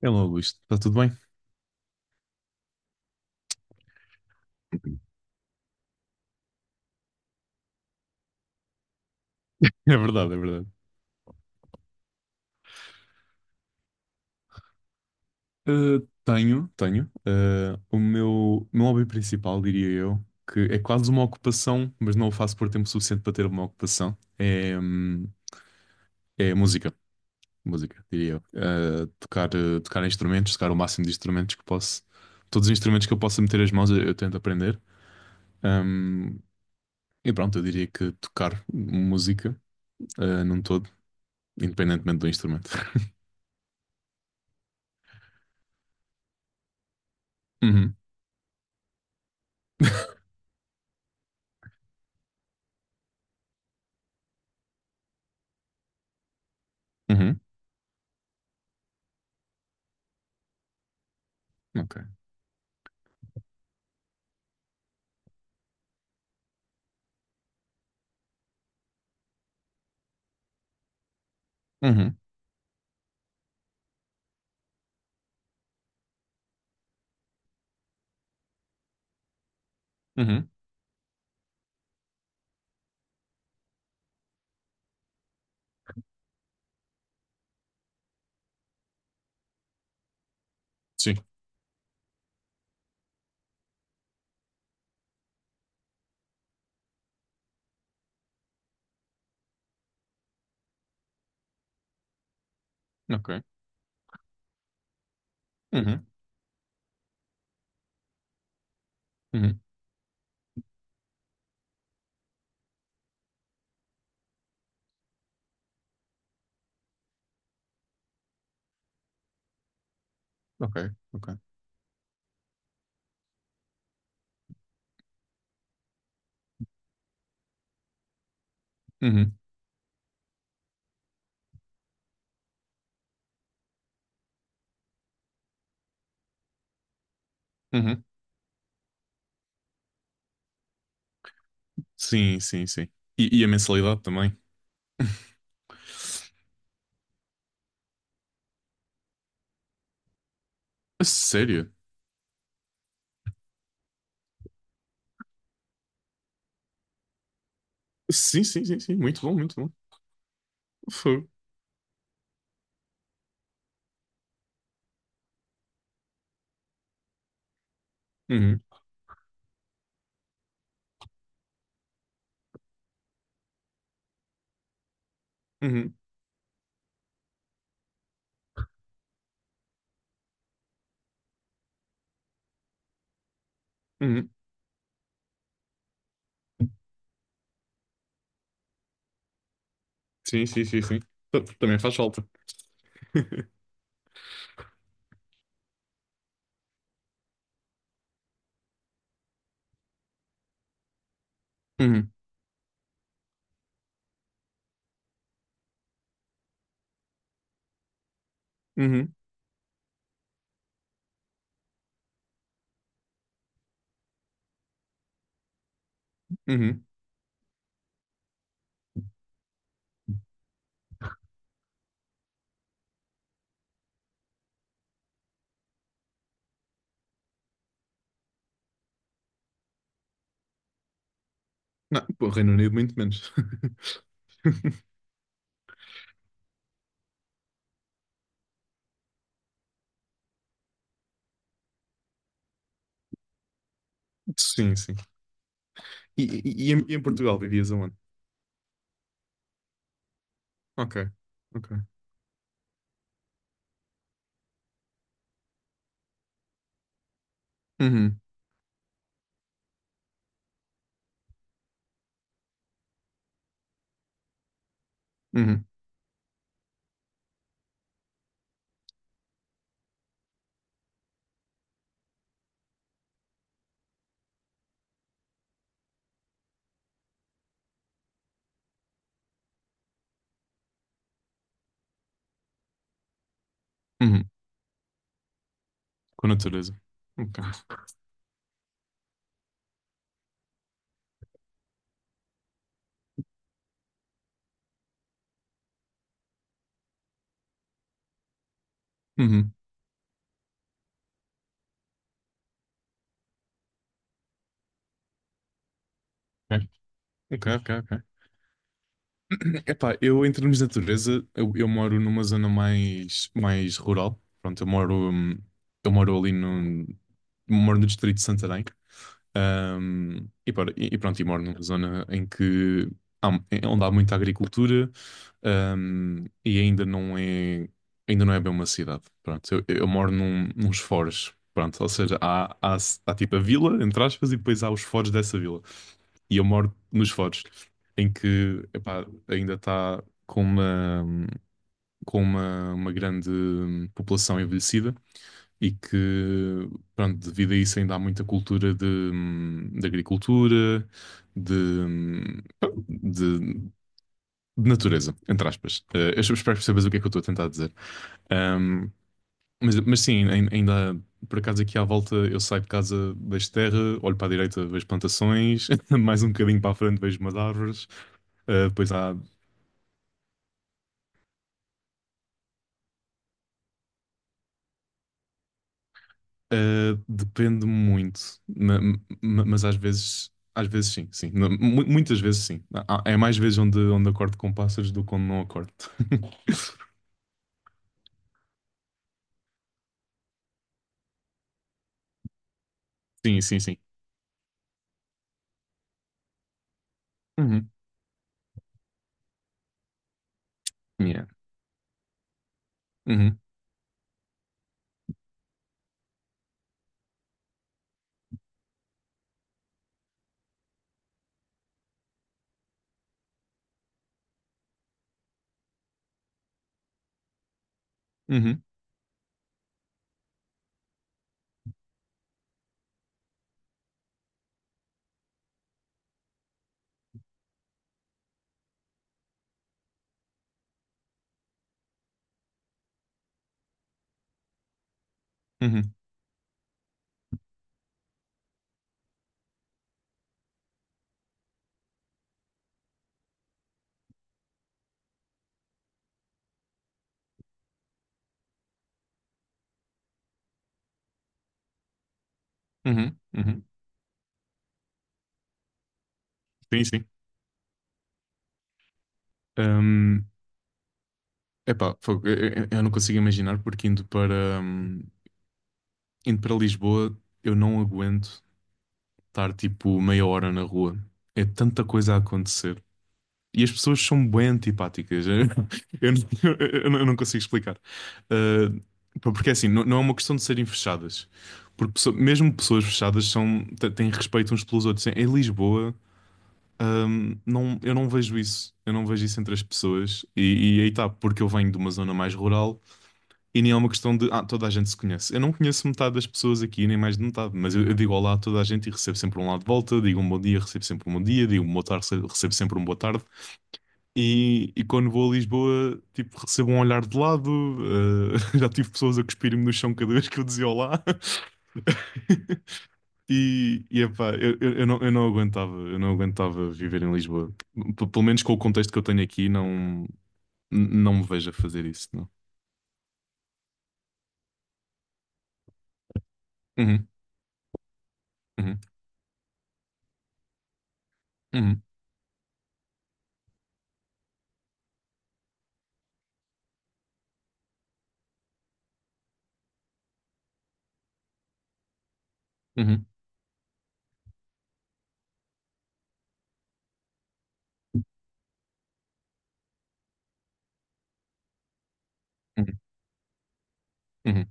Hello, Luís, está tudo bem? É verdade, é verdade. Uh, Tenho, tenho. O meu hobby principal, diria eu, que é quase uma ocupação, mas não o faço por tempo suficiente para ter uma ocupação, é música. Música, diria eu. Tocar instrumentos, tocar o máximo de instrumentos que posso. Todos os instrumentos que eu possa meter as mãos, eu tento aprender. Um, e pronto, eu diria que tocar música, num todo, independentemente do instrumento. Uhum. Uhum, ok. Uhum, uhum. Sim, ok. Uhum. Uhum. Ok. Ok. Uhum. Uhum. Sim, sim, sim. E a mensalidade também. A sério? Sim, sim, sim, sim. Muito bom, muito bom. Fogo. Uhum. Uhum. Uhum. Sim, sim, sim, sim. Também faz falta. Uhum. Uhum. Uhum. Não, pô, Reino Unido muito menos. Sim, sim. E em Portugal vivias aonde? Ok. Ok. Uhum. Uhum. Uhum. Com natureza. Ok. Uhum. Ok, ok, ok. Ok. Epá, eu em termos de natureza, eu moro numa zona mais rural. Pronto, eu moro ali no, moro no distrito de Santarém. E pronto, e moro numa zona em que onde há muita agricultura, e ainda não é bem uma cidade. Pronto, eu moro nos foros. Pronto, ou seja, há tipo a vila, entre aspas, e depois há os foros dessa vila. E eu moro nos Foros, em que epá, ainda está com uma, com uma grande população envelhecida e que, pronto, devido a isso ainda há muita cultura de agricultura, de, de, de natureza, entre aspas. Eu espero que percebas o que é que eu estou a tentar dizer. Mas sim, ainda por acaso aqui à volta eu saio de casa, vejo terra, olho para a direita, vejo plantações, mais um bocadinho para a frente vejo umas árvores, depois há. Depende muito, ma- mas às vezes sim, sim. Não, muitas vezes sim. É mais vezes onde acordo com pássaros do que onde não acordo. Sim, sim, sim. Uhum. Yeah. Uhum. Uhum. Uhum. Uhum. Uhum. Sim, sim. Um, Epá, fogo, eu não consigo imaginar porque indo para Lisboa, eu não aguento estar tipo meia hora na rua. É tanta coisa a acontecer. E as pessoas são bem antipáticas. Eu, não eu não consigo explicar. Ah, pá, porque assim, não é uma questão de serem fechadas. Porque mesmo pessoas fechadas têm respeito uns pelos outros. Em Lisboa, não, eu não vejo isso. Eu não vejo isso entre as pessoas. E aí está, porque eu venho de uma zona mais rural. E nem é uma questão de toda a gente se conhece. Eu não conheço metade das pessoas aqui, nem mais de metade, mas eu digo olá a toda a gente e recebo sempre um lá de volta, digo um bom dia, recebo sempre um bom dia, digo um boa tarde, recebo sempre um boa tarde. E quando vou a Lisboa, tipo, recebo um olhar de lado, já tive pessoas a cuspirem-me no chão cada vez que eu dizia olá. E epá, eu não aguentava viver em Lisboa. Pelo menos com o contexto que eu tenho aqui, não, não me vejo a fazer isso, não. Uhum, uhum, uhum, uhum, uhum. Uhum.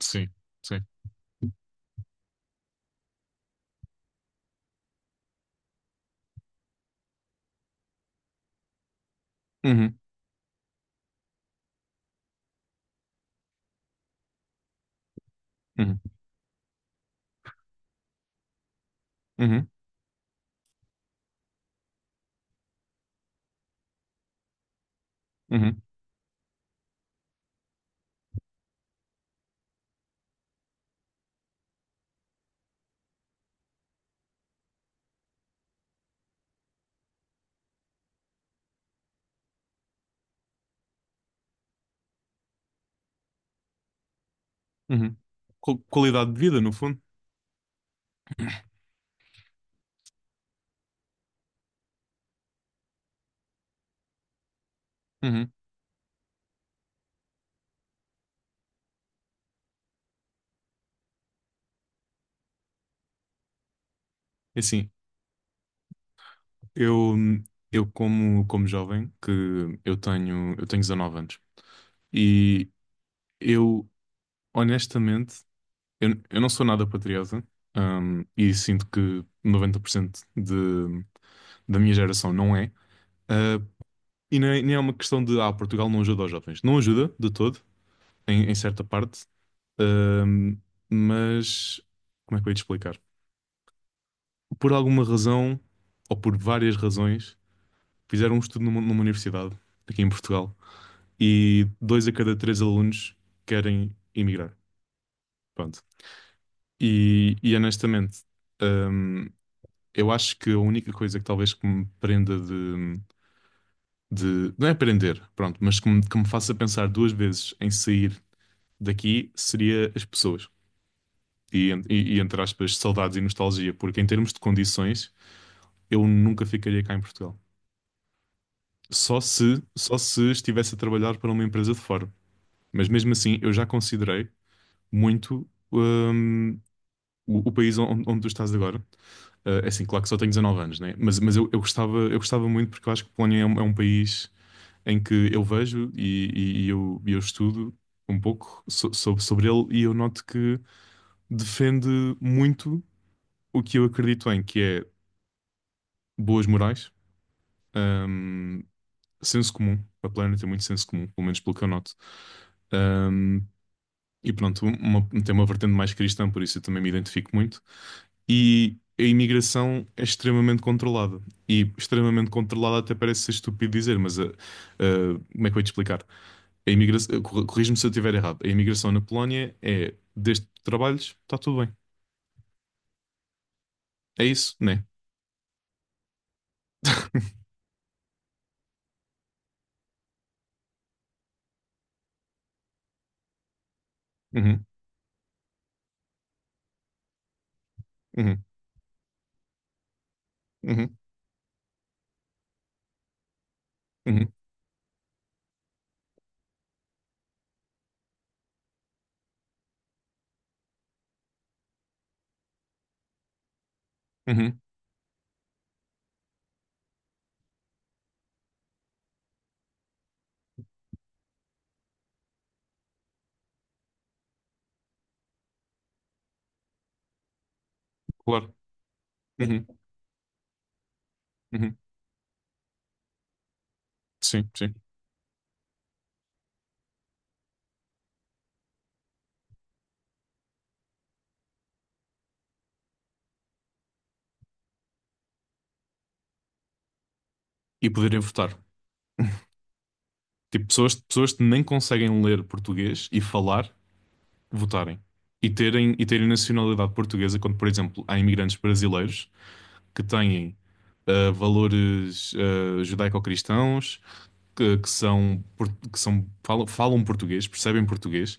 Sim, sim. Uhum, uhum, uhum, uhum, uhum. Qualidade de vida, no fundo. Uhum. É assim, eu, eu, como jovem, que eu tenho 19 anos, e eu, honestamente, eu não sou nada patriota, e sinto que 90% da minha geração não é, ah, e nem é uma questão de, Portugal não ajuda aos jovens. Não ajuda, de todo, em, em certa parte, Ahm, mas como é que eu ia te explicar? Por alguma razão, ou por várias razões, fizeram um estudo numa, numa universidade aqui em Portugal e dois a cada três alunos querem emigrar. Pronto. E honestamente, ahm, eu acho que a única coisa que talvez que me prenda não é prender, pronto, mas que me faça pensar duas vezes em sair daqui seria as pessoas. E entre aspas, saudades e nostalgia, porque em termos de condições eu nunca ficaria cá em Portugal. Só se estivesse a trabalhar para uma empresa de fora. Mas mesmo assim, eu já considerei muito o país onde tu estás agora. É assim, claro que só tenho 19 anos, né? Mas eu gostava muito porque eu acho que Polónia é um país em que eu vejo e eu estudo um pouco sobre, sobre ele e eu noto que defende muito o que eu acredito em, que é boas morais. hum, Senso comum. A Planner tem muito senso comum, pelo menos pelo que eu noto. Ahm, e pronto, tem uma vertente mais cristã, por isso eu também me identifico muito. E a imigração é extremamente controlada. E extremamente controlada até parece ser estúpido dizer, mas como é que eu ia te explicar? A imigração, corrige-me se eu estiver errado. A imigração na Polónia é desde que trabalhos, está tudo bem. É isso, né? Uhum, uhum, uhum, uhum, uhum, claro. Uhum, uhum. Sim, sim. E poderem votar. Tipo, pessoas, pessoas que nem conseguem ler português e falar, votarem. E terem nacionalidade portuguesa, quando, por exemplo, há imigrantes brasileiros que têm valores judaico-cristãos, que são, que são falam português, percebem português,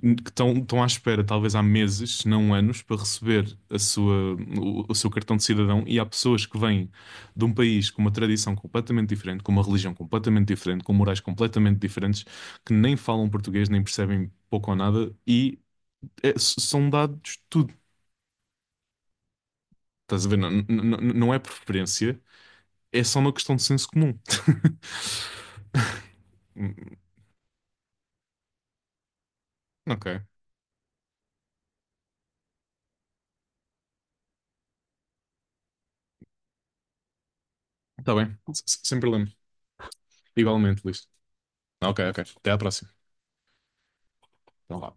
que estão à espera, talvez há meses, se não anos, para receber o seu cartão de cidadão. E há pessoas que vêm de um país com uma tradição completamente diferente, com uma religião completamente diferente, com morais completamente diferentes, que nem falam português, nem percebem pouco ou nada, e são dados tudo. Estás a ver? Não é preferência, é só uma questão de senso comum. Hum, Ok, está bem, sem problema. Igualmente, Luís. Ok, ok. Até à próxima. Então vá.